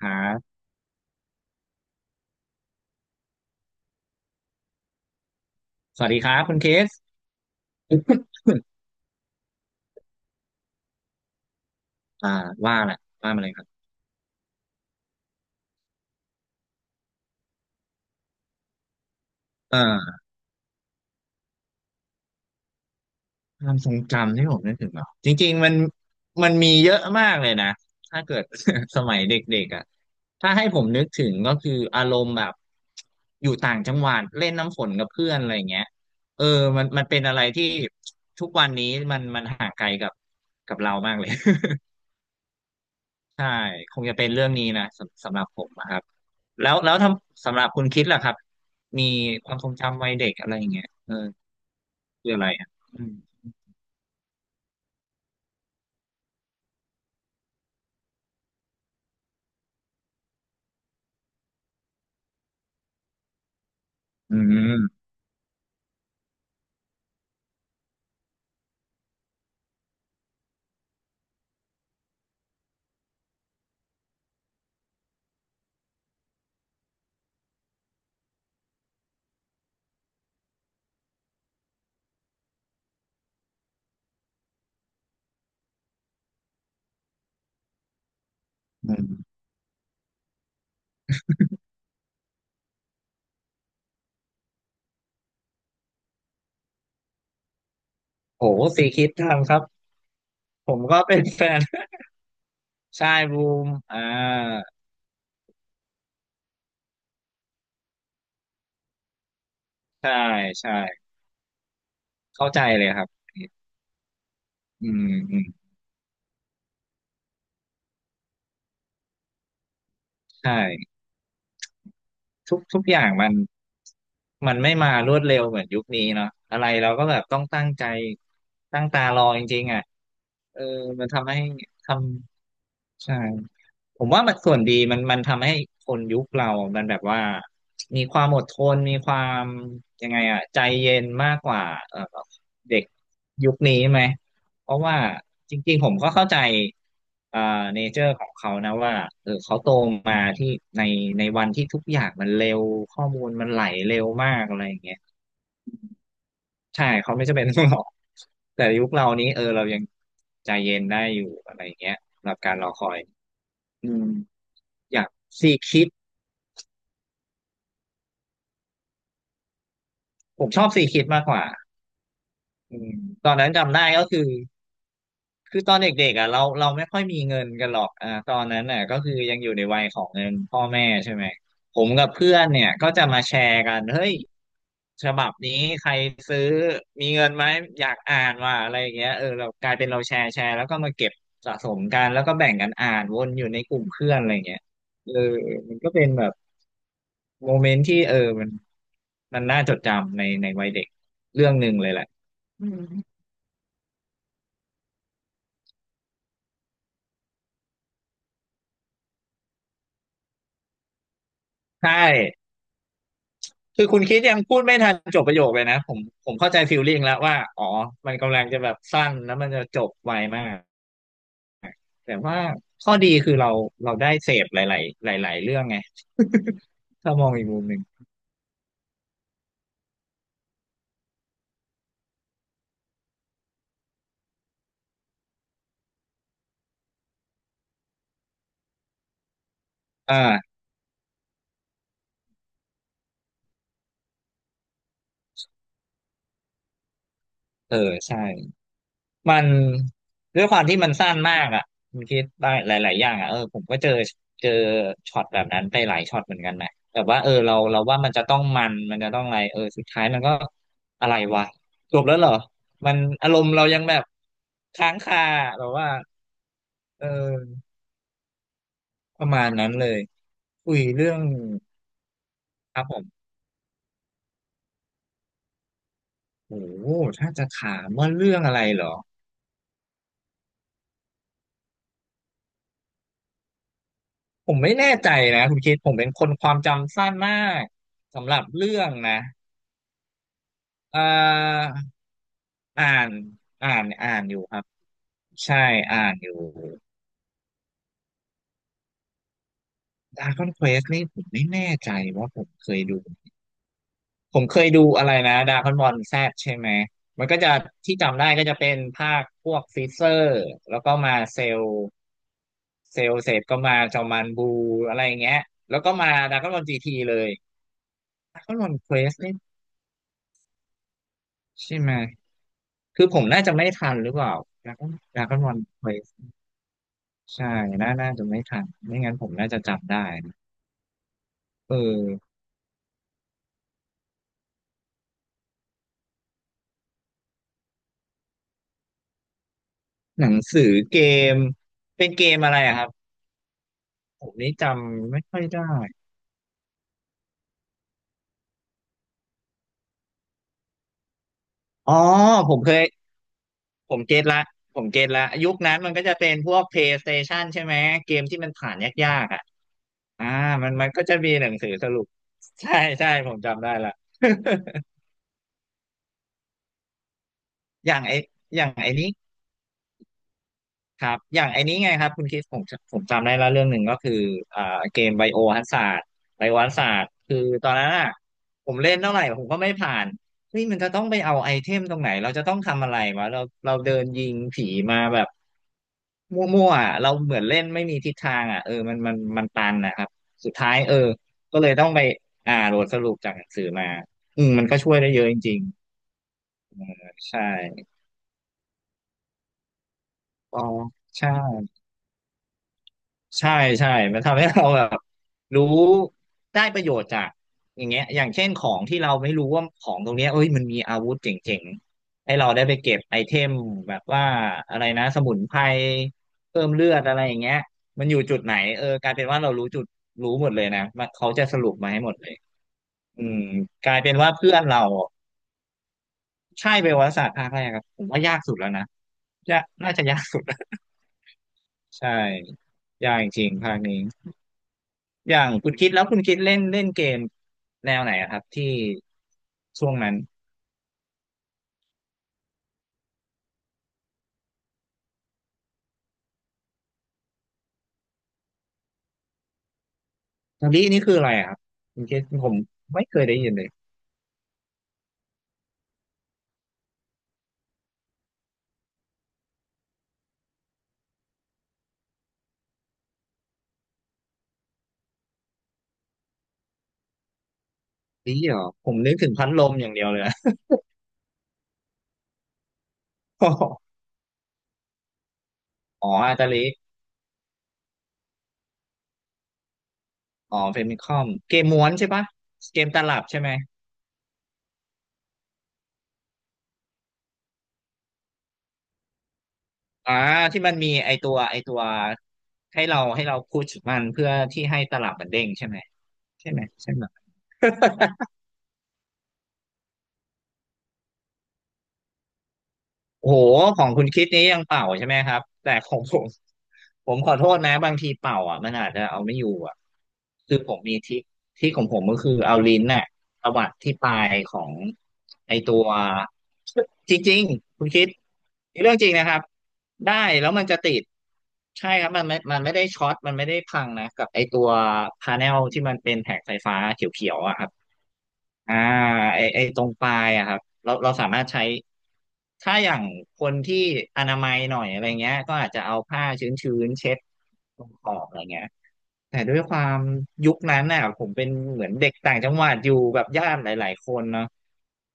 ครับสวัสดีครับคุณเคส อ่าว่าแหละว่ามาเลยครับเออความทรงจำที่ผมนึกถึงเหรอจริงๆมันมีเยอะมากเลยนะถ้าเกิด สมัยเด็กๆอ่ะถ้าให้ผมนึกถึงก็คืออารมณ์แบบอยู่ต่างจังหวัดเล่นน้ำฝนกับเพื่อนอะไรอย่างเงี้ยเออมันเป็นอะไรที่ทุกวันนี้มันห่างไกลกับเรามากเลย ใช่คงจะเป็นเรื่องนี้นะสำหรับผมนะครับแล้วทำสำหรับคุณคิดล่ะครับมีความทรงจำวัยเด็กอะไรอย่างเงี้ยเออคืออะไรอ่ะอืมอืมอืมโหสีคิดทำครับผมก็เป็นแฟน ใช่บูมใช่ใช่เข้าใจเลยครับอืมอืมใช่ทุกอย่างมันมันไม่มารวดเร็วเหมือนยุคนี้เนาะอะไรเราก็แบบต้องตั้งใจตั้งตารอจริงๆอ่ะเออมันทำให้ทำใช่ ผมว่ามันส่วนดีมันทำให้คนยุคเรามันแบบว่ามีความอดทนมีความยังไงอะใจเย็นมากกว่าเอ่อเด็กยุคนี้ไหมเพราะว่าจริงๆผมก็เข้าใจเอ่อเนเจอร์ของเขานะว่าเออเขาโตมาที่ในในวันที่ทุกอย่างมันเร็วข้อมูลมันไหลเร็วมากอะไรอย่างเงี้ยใช่เขาไม่จำเป็นต้องหรอกแต่ยุคเรานี้เออเรายังใจเย็นได้อยู่อะไรอย่างเงี้ยสำหรับการรอคอยอืมอยากซีคิด ผมชอบซีคิดมากกว่าอืมตอนนั้นจำได้ก็คือ คือตอนเด็กๆอ่ะเราไม่ค่อยมีเงินกันหรอกอ่าตอนนั้นน่ะก็คือยังอยู่ในวัยของเงินพ่อแม่ใช่ไหมผมกับเพื่อนเนี่ยก็จะมาแชร์กันเฮ้ยฉบับนี้ใครซื้อมีเงินไหมอยากอ่านว่าอะไรอย่างเงี้ยเออเรากลายเป็นเราแชร์แล้วก็มาเก็บสะสมกันแล้วก็แบ่งกันอ่านวนอยู่ในกลุ่มเพื่อนอะไรอย่างเงี้ยเออมันก็เป็นแบบโมเมนต์ที่เออมันมันน่าจดจำในวัยเด็กเรื่องหนึ่งเลยแหละอืมใช่ คือคุณคิดยังพูดไม่ทันจบประโยคเลยนะผมผมเข้าใจฟีลลิ่งแล้วว่าอ๋อมันกำลังจะแบบสั้นแล้วมันจะจบไวมากแต่ว่าข้อดีคือเราได้เสพหลายๆหลายๆเรื่องไง ถ้ามองอีกมุมหนึ่งอ่าเออใช่ มันด้วยความที่มันสั้นมากอ่ะมันคิดได้หลายๆอย่างอ่ะเออผมก็เจอช็อตแบบนั้นไปหลายช็อตเหมือนกันนะแบบว่าเออเราว่ามันจะต้องมันจะต้องอะไรเออสุดท้ายมันก็อะไรวะจบแล้วเหรอมันอารมณ์เรายังแบบค้างคาแบบว่าเออประมาณนั้นเลยคุยเรื่องครับผมโอ้โหถ้าจะถามว่าเรื่องอะไรเหรอผมไม่แน่ใจนะคุณคิดผมเป็นคนความจำสั้นมากสำหรับเรื่องนะ เอ่ออ่านอยู่ครับใช่อ่านอยู่ Dragon Quest นี่ผมไม่แน่ใจว่าผมเคยดูผมเคยดูอะไรนะ Dragon Ball Z ใช่ไหมมันก็จะที่จำได้ก็จะเป็นภาคพวกฟิเซอร์แล้วก็มาเซลล์เซลล์เสร็จก็มาจอมันบูอะไรอย่างเงี้ยแล้วก็มา Dragon Ball GT เลย Dragon Ball Quest นี่ใช่ไหมคือผมน่าจะไม่ทันหรือเปล่า Dragon Ball Quest ใช่น่าจะไม่ทันไม่งั้นผมน่าจะจำได้นะเออหนังสือเกม เป็นเกมอะไรอะครับ ผมนี่จำไม่ค่อยได้ อ๋อ ผมเคย ผมเก็ตละผมเก็ตละยุคนั้นมันก็จะเป็นพวก PlayStation ใช่ไหม เกมที่มันผ่านยากๆอ่ะอ่ามันมันก็จะมีหนังสือสรุป ใช่ใช่ผมจำได้ละ อย่างไออย่างไอนี้ ครับอย่างไอ้นี้ไงครับคุณคริดผมผมจำได้แล้วเรื่องหนึ่งก็คืออ่าเกมไบโอฮัซาร์ดไบโอฮัซาร์ดคือตอนนั้นอ่ะผมเล่นเท่าไหร่ผมก็ไม่ผ่านเฮ้ยมันจะต้องไปเอาไอเทมตรงไหนเราจะต้องทำอะไรวะเราเราเดินยิงผีมาแบบมั่วๆอ่ะเราเหมือนเล่นไม่มีทิศทางอ่ะเออมันตันนะครับสุดท้ายเออก็เลยต้องไปโหลดสรุปจากหนังสือมาอืมมันก็ช่วยได้เยอะจริงๆใช่อ๋อใช่ ใช่ใช่มันทำให้เราแบบรู้ได้ประโยชน์จากอย่างเงี้ยอย่างเช่นของที่เราไม่รู้ว่าของตรงเนี้ยเอ้ยมันมีอาวุธเจ๋งๆให้เราได้ไปเก็บไอเทมแบบว่าอะไรนะสมุนไพรเพิ่มเลือดอะไรอย่างเงี้ยมันอยู่จุดไหนเออกลายเป็นว่าเรารู้จุดรู้หมดเลยนะมันเขาจะสรุปมาให้หมดเลยอืมกลายเป็นว่าเพื่อนเราใช่เบลศาสตร์ภาคแรกครับผมว่ายากสุดแล้วนะยากน่าจะยากสุด ใช่ยากจริงๆภาคนี้ อย่างคุณคิดแล้วคุณคิดเล่นเล่นเกมแนวไหนอะครับที่ช่วงนั้นลินี่คืออะไรอะครับคุณคิดผมไม่เคยได้ยินเลยลิเหรอผมนึกถึงพัดลมอย่างเดียวเลยอะ อ๋ออาตาลิอ๋อเฟมิคอมเกมม้วนใช่ปะเกมตลับใช่ไหมอ่าที่มันมีไอตัวให้เราพุชมันเพื่อที่ให้ตลับมันเด้งใช่ไหมใช่ไหมใช่ไหม โอ้โหของคุณคิดนี้ยังเป่าใช่ไหมครับแต่ของ ผมขอโทษนะบางทีเป่าอ่ะมันอาจจะเอาไม่อยู่อ่ะคือผมมีทริคทริคของผมก็คือเอาลิ้นน่ะตวัดที่ปลายของไอตัวจริงๆคุณคิดนี่เรื่องจริงนะครับได้แล้วมันจะติดใช่ครับมันไม่ได้ช็อตมันไม่ได้พังนะกับไอตัวพาเนลที่มันเป็นแผงไฟฟ้าเขียวๆอ่ะครับ อ่าไอตรงปลายอะครับเราสามารถใช้ถ้าอย่างคนที่อนามัยหน่อยอะไรเงี้ยก็อาจจะเอาผ้าชื้นๆเช็ดตรงขอบอะไรเงี้ยแต่ด้วยความยุคนั้นน่ะผมเป็นเหมือนเด็กต่างจังหวัดอยู่แบบญาติหลายๆคนเนาะ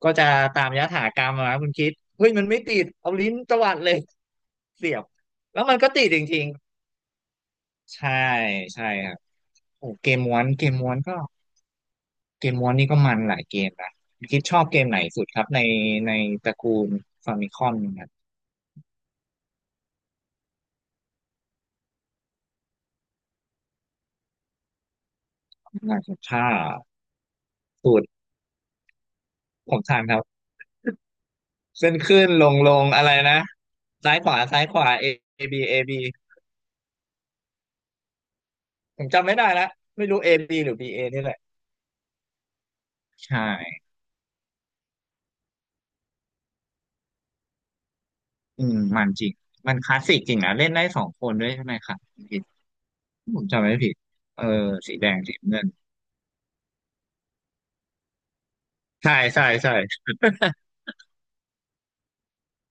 ก็จะตามยถากรรมอะนะคุณคิดเฮ้ยมันไม่ติดเอาลิ้นตวัดเลยเสียบแล้วมันก็ติดจริงๆใช่ใช่ครับโอ้เกมม้วนเกมม้วนก็ เกมมอนนี่ก็มันหลายเกมนะคิดชอบเกมไหนสุดครับในตระกูลฟามิคอมนะครับน่าจะถ้าสุดผมทานครับขึ้นขึ้นลงลงอะไรนะซ้ายขวาซ้ายขวา A A B A B ผมจำไม่ได้แล้วไม่รู้ A B หรือ B A นี่แหละใช่อืมมันจริงมันคลาสสิกจริงนะเล่นได้สองคนด้วยใช่ไหมครับผมจำไม่ผิดเออสีแดงสีน้ำเงินใช่ใช่ใช่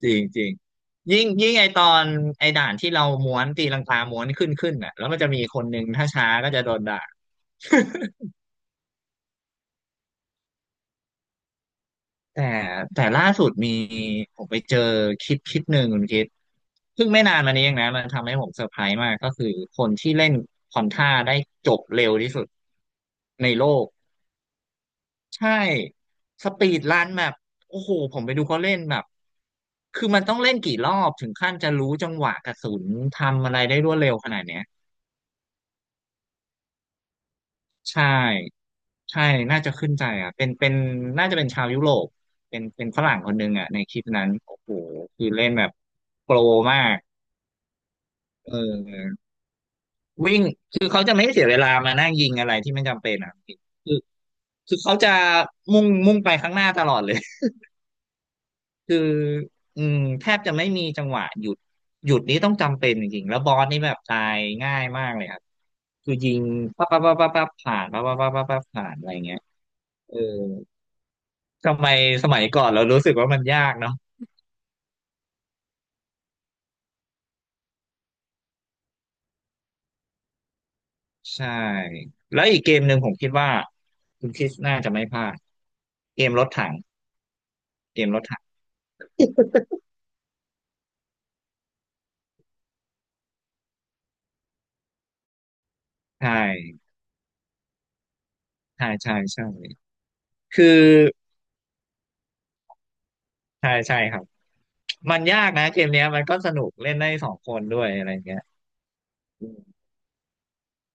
จริงจริงยิ่งยิ่งไอตอนไอด่านที่เราม้วนตีลังกาม้วนขึ้นขึ้นอ่ะแล้วมันจะมีคนหนึ่งถ้าช้าก็จะโดนด่า แต่ล่าสุดมีผมไปเจอคลิปคลิปหนึ่งคุณคิดเพิ่งไม่นานมานี้เองนะมันทำให้ผมเซอร์ไพรส์มากก็คือคนที่เล่นควอนท่าได้จบเร็วที่สุดในโลกใช่สปีดรันแบบโอ้โหผมไปดูเขาเล่นแบบคือมันต้องเล่นกี่รอบถึงขั้นจะรู้จังหวะกระสุนทำอะไรได้รวดเร็วขนาดเนี้ย ใช่ใช่น่าจะขึ้นใจอ่ะเป็นน่าจะเป็นชาวยุโรปเป็นฝรั่งคนหนึ่งอ่ะในคลิปนั้นโอ้โหคือเล่นแบบโปรมากเออวิ่งคือเขาจะไม่เสียเวลามานั่งยิงอะไรที่ไม่จำเป็นอ่ะคือคือเขาจะมุ่งมุ่งไปข้างหน้าตลอดเลย คืออืมแทบจะไม่มีจังหวะหยุดหยุดนี้ต้องจำเป็นจริงๆแล้วบอสนี่แบบตายง่ายมากเลยครับคือยิงปั๊บปั๊บปั๊บปั๊บปั๊บผ่านปั๊บปั๊บปั๊บปั๊บปั๊บผ่านอะไรเงี้ยเออ ทำไมสมัยก่อนเรารู้สึกว่ามันยากเนาะใช่แล้วอีกเกมหนึ่งผมคิดว่าคุณคริสน่าจะไม่พลาดเกมรถถังเกมรถถังใช่ใช่ใช่ใช่คือใช่ใช่ครับมันยากนะเกมเนี้ยมันก็สนุกเล่นได้สองคนด้วยอะไรเงี้ย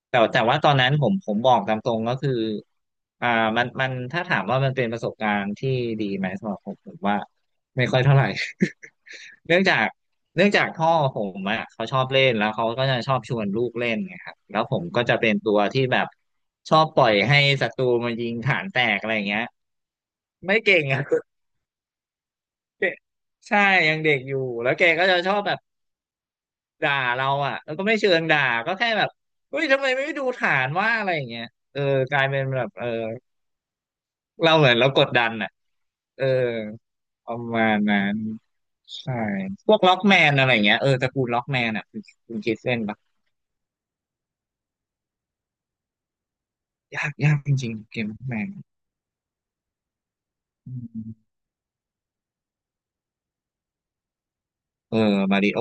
แต่ว่าตอนนั้นผมบอกตามตรงก็คืออ่ามันถ้าถามว่ามันเป็นประสบการณ์ที่ดีไหมสำหรับผมว่าไม่ค่อยเท่าไหร่ เนื่องจากพ่อผมอ่ะเขาชอบเล่นแล้วเขาก็จะชอบชวนลูกเล่นไงครับแล้วผมก็จะเป็นตัวที่แบบชอบปล่อยให้ศัตรูมายิงฐานแตกอะไรอย่างเงี้ยไม่เก่งอ่ะ ใช่ยังเด็กอยู่แล้วแกก็จะชอบแบบ ด่าเราอ่ะแล้วก็ไม่เชิงด่าก็แค่แบบเฮ้ยทำไมไม่ดูฐานว่าอะไรอย่างเงี้ยเออกลายเป็นแบบเออเราเหมือนเรากดดันอ่ะเออประมาณนั้นใช่พวกล็อกแมนอะไรอย่างเงี้ยเออตระกูลล็อกแมนอ่ะคุณคิดเล่นปะยากยากจริงๆเกมล็อกแมนอืมเออมาริโอ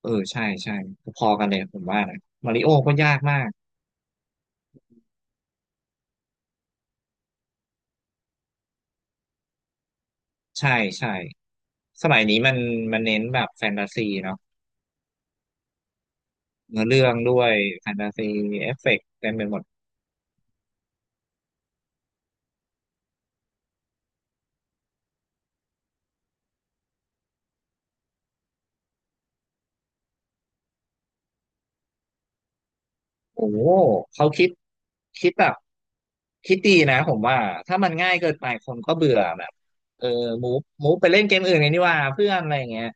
เออใช่ใช่พอกันเลยผมว่านะมาริโอก็ยากมากใช่ใช่สมัยนี้มันเน้นแบบแฟนตาซีเนาะ เนื้อเรื่องด้วยแฟนตาซีเอฟเฟกต์เต็มไปหมดโอ้โหเขาคิดคิดแบบคิดดีนะผมว่าถ้ามันง่ายเกินไปคนก็เบื่อแบบเออมูฟมูฟไปเล่นเกมอื่นกันดีกว่าเพื่อนอะไรอย่างเงี้ย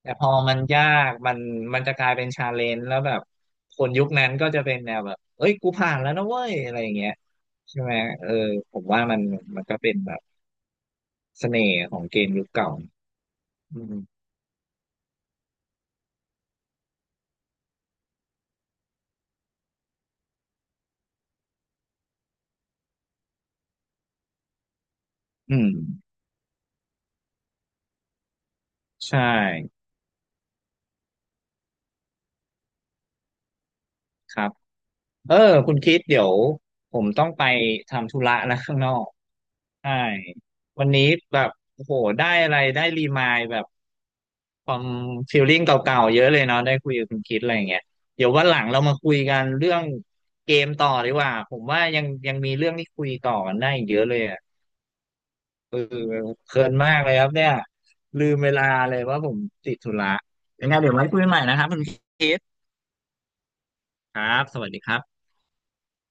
แต่พอมันยากมันจะกลายเป็นชาเลนจ์แล้วแบบคนยุคนั้นก็จะเป็นแนวแบบเอ้ยกูผ่านแล้วนะเว้ยอะไรอย่างเงี้ยใช่ไหมเออผมว่ามันก็เป็นแบบเสน่ห์ของเกมยุคเก่าอืมอืมใช่ครับ เออคุณคิดเดี๋ยวผมต้องไปทำธุระแล้วข้างนอกใช่วันนี้แบบโอ้โหได้อะไรได้รีมายแบบความฟีลลิ่งเก่าๆเยอะเลยเนาะได้คุยกับคุณคิดอะไรอย่างเงี้ยเดี๋ยววันหลังเรามาคุยกันเรื่องเกมต่อดีกว่าผมว่ายังมีเรื่องที่คุยต่อกันได้อีกเยอะเลยอ่ะเออเพลินมากเลยครับเนี่ยลืมเวลาเลยว่าผมติดธุระยังไงเดี๋ยวไว้คุยใหม่นะครับคุณคิดครับสวัสดีครับ